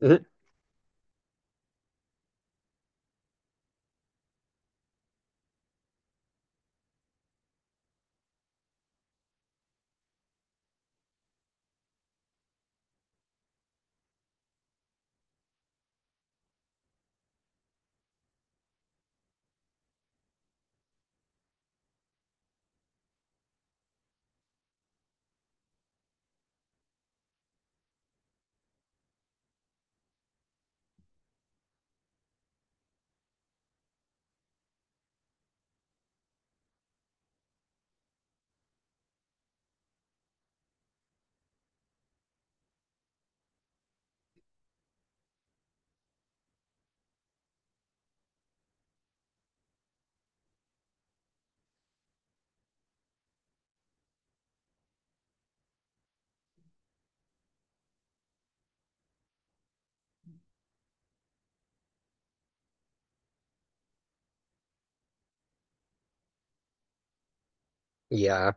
Mhm. Yeah,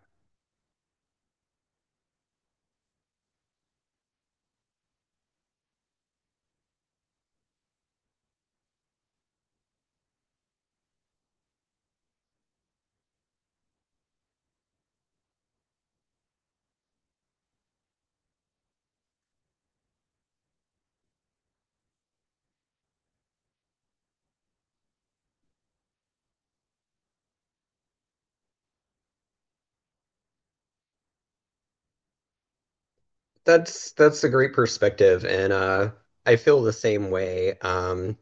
that's a great perspective, and I feel the same way. Um,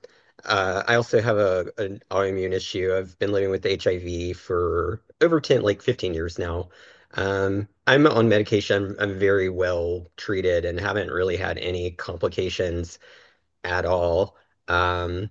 uh, I also have a an autoimmune issue. I've been living with HIV for over 10, like 15 years now. I'm on medication. I'm very well treated and haven't really had any complications at all. Um,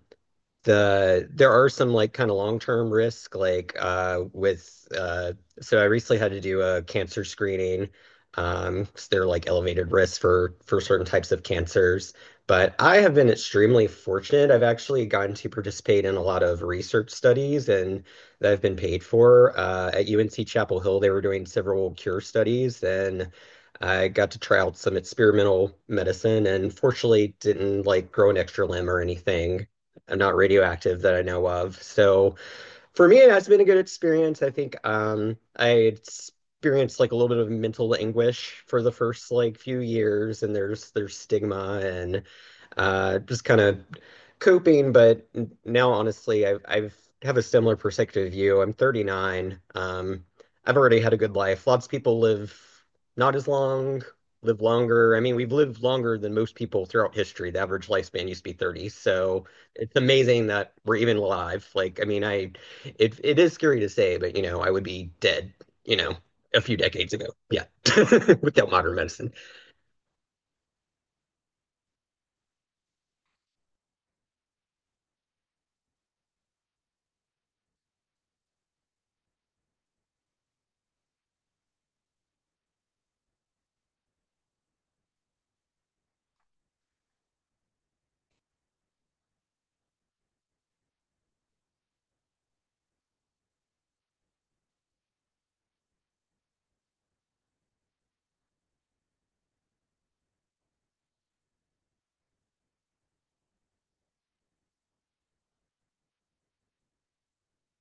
there are some like kind of long-term risk, like with so I recently had to do a cancer screening, 'cause there are like elevated risks for certain types of cancers, but I have been extremely fortunate. I've actually gotten to participate in a lot of research studies and that I've been paid for at UNC Chapel Hill. They were doing several cure studies, and I got to try out some experimental medicine and fortunately didn't like grow an extra limb or anything, not radioactive that I know of. So for me, it has been a good experience. I think I experienced like a little bit of mental anguish for the first like few years, and there's stigma and just kind of coping. But now, honestly, I've have a similar perspective view. I'm 39. I've already had a good life. Lots of people live not as long, live longer. I mean, we've lived longer than most people throughout history. The average lifespan used to be 30. So it's amazing that we're even alive. Like, I mean, I it is scary to say, but you know, I would be dead, you know, a few decades ago. Yeah. Without modern medicine.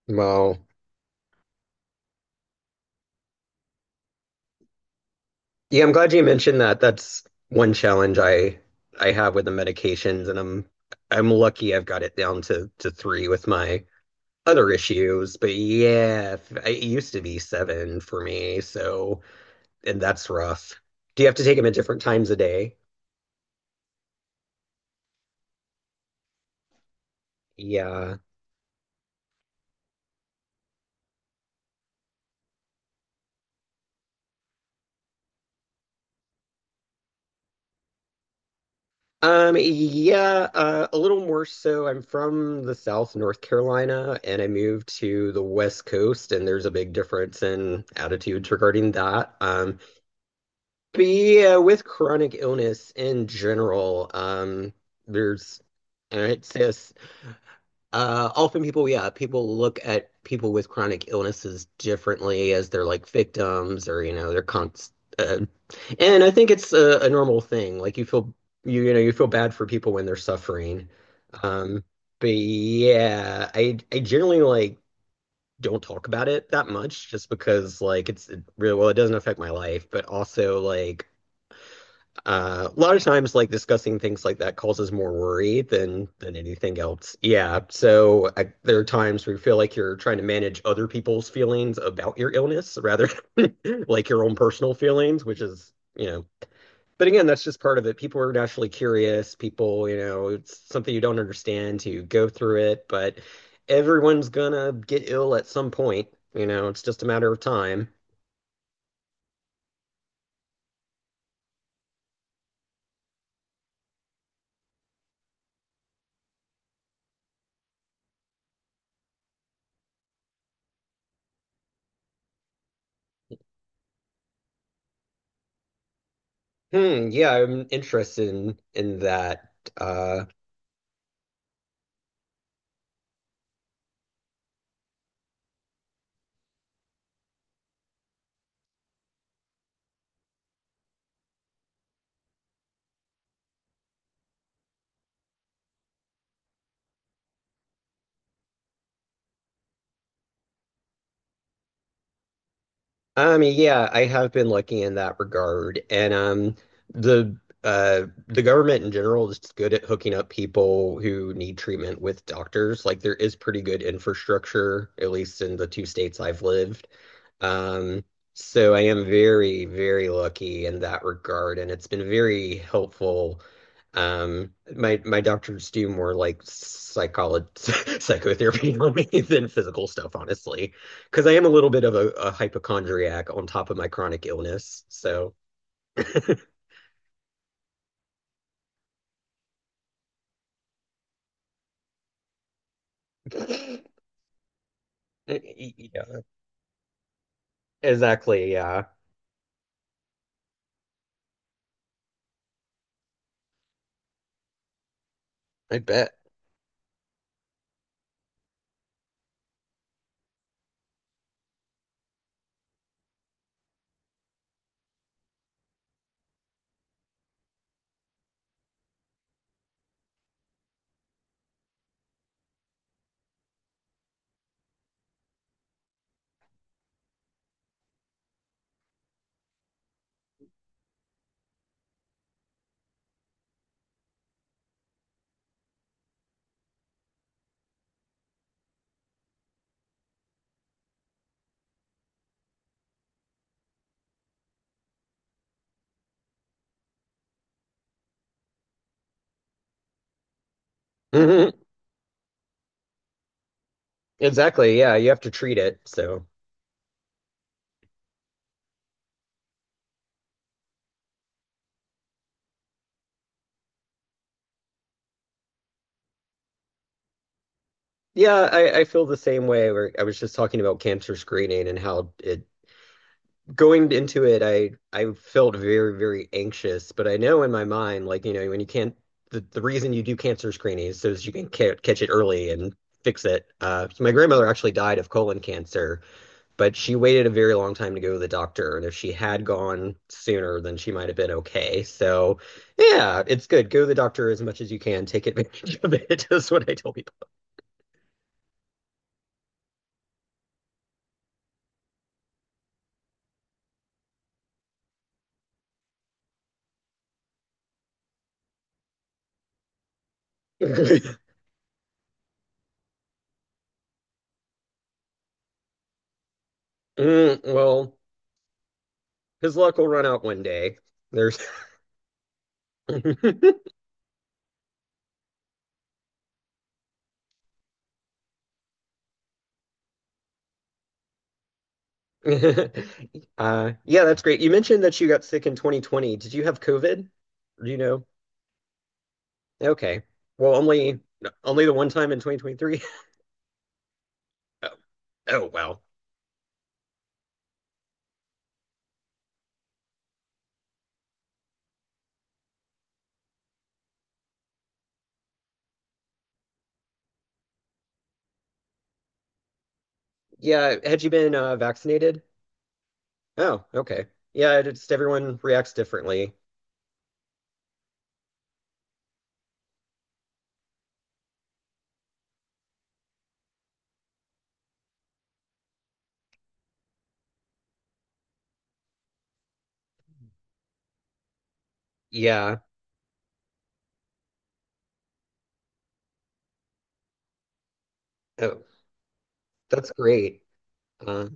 Well, yeah, I'm glad you mentioned that. That's one challenge I have with the medications, and I'm lucky I've got it down to three with my other issues. But yeah, it used to be seven for me, so, and that's rough. Do you have to take them at different times a day? Yeah. Yeah, a little more so. I'm from the South, North Carolina, and I moved to the West Coast, and there's a big difference in attitudes regarding that. But yeah, with chronic illness in general, there's, and I'd say a often people, yeah, people look at people with chronic illnesses differently, as they're like victims or, you know, they're const and I think it's a normal thing. Like you know, you feel bad for people when they're suffering. Um, but yeah, I generally, like, don't talk about it that much, just because, like, it really, well, it doesn't affect my life, but also like a lot of times, like, discussing things like that causes more worry than anything else. Yeah. So I, there are times where you feel like you're trying to manage other people's feelings about your illness rather than like your own personal feelings, which is, you know, but again, that's just part of it. People are naturally curious. People, you know, it's something you don't understand. You go through it, but everyone's gonna get ill at some point. You know, it's just a matter of time. Hmm. Yeah, I'm interested in that. Uh, yeah, I have been lucky in that regard. And the the government in general is good at hooking up people who need treatment with doctors. Like, there is pretty good infrastructure, at least in the two states I've lived. Um, so I am very, very lucky in that regard, and it's been very helpful. My doctors do more like psycholo psychotherapy on me than physical stuff, honestly, because I am a little bit of a hypochondriac on top of my chronic illness. So, yeah, exactly. Yeah, I bet. Mhm. Exactly. Yeah, you have to treat it. So, yeah, I feel the same way. Where I was just talking about cancer screening and how it, going into it, I felt very, very anxious, but I know in my mind, like, you know, when you can't, the reason you do cancer screening is so that you can ca catch it early and fix it. So my grandmother actually died of colon cancer, but she waited a very long time to go to the doctor, and if she had gone sooner, then she might have been okay. So, yeah, it's good. Go to the doctor as much as you can. Take advantage of it, is what I tell people. Mm, well, his luck will run out one day. There's yeah, that's great. You mentioned that you got sick in 2020. Did you have COVID? Do you know? Okay. Well, only the one time in 2023. Oh, oh wow. Yeah, had you been vaccinated? Oh, okay. Yeah, it's everyone reacts differently. Yeah. Oh, that's great. Uh,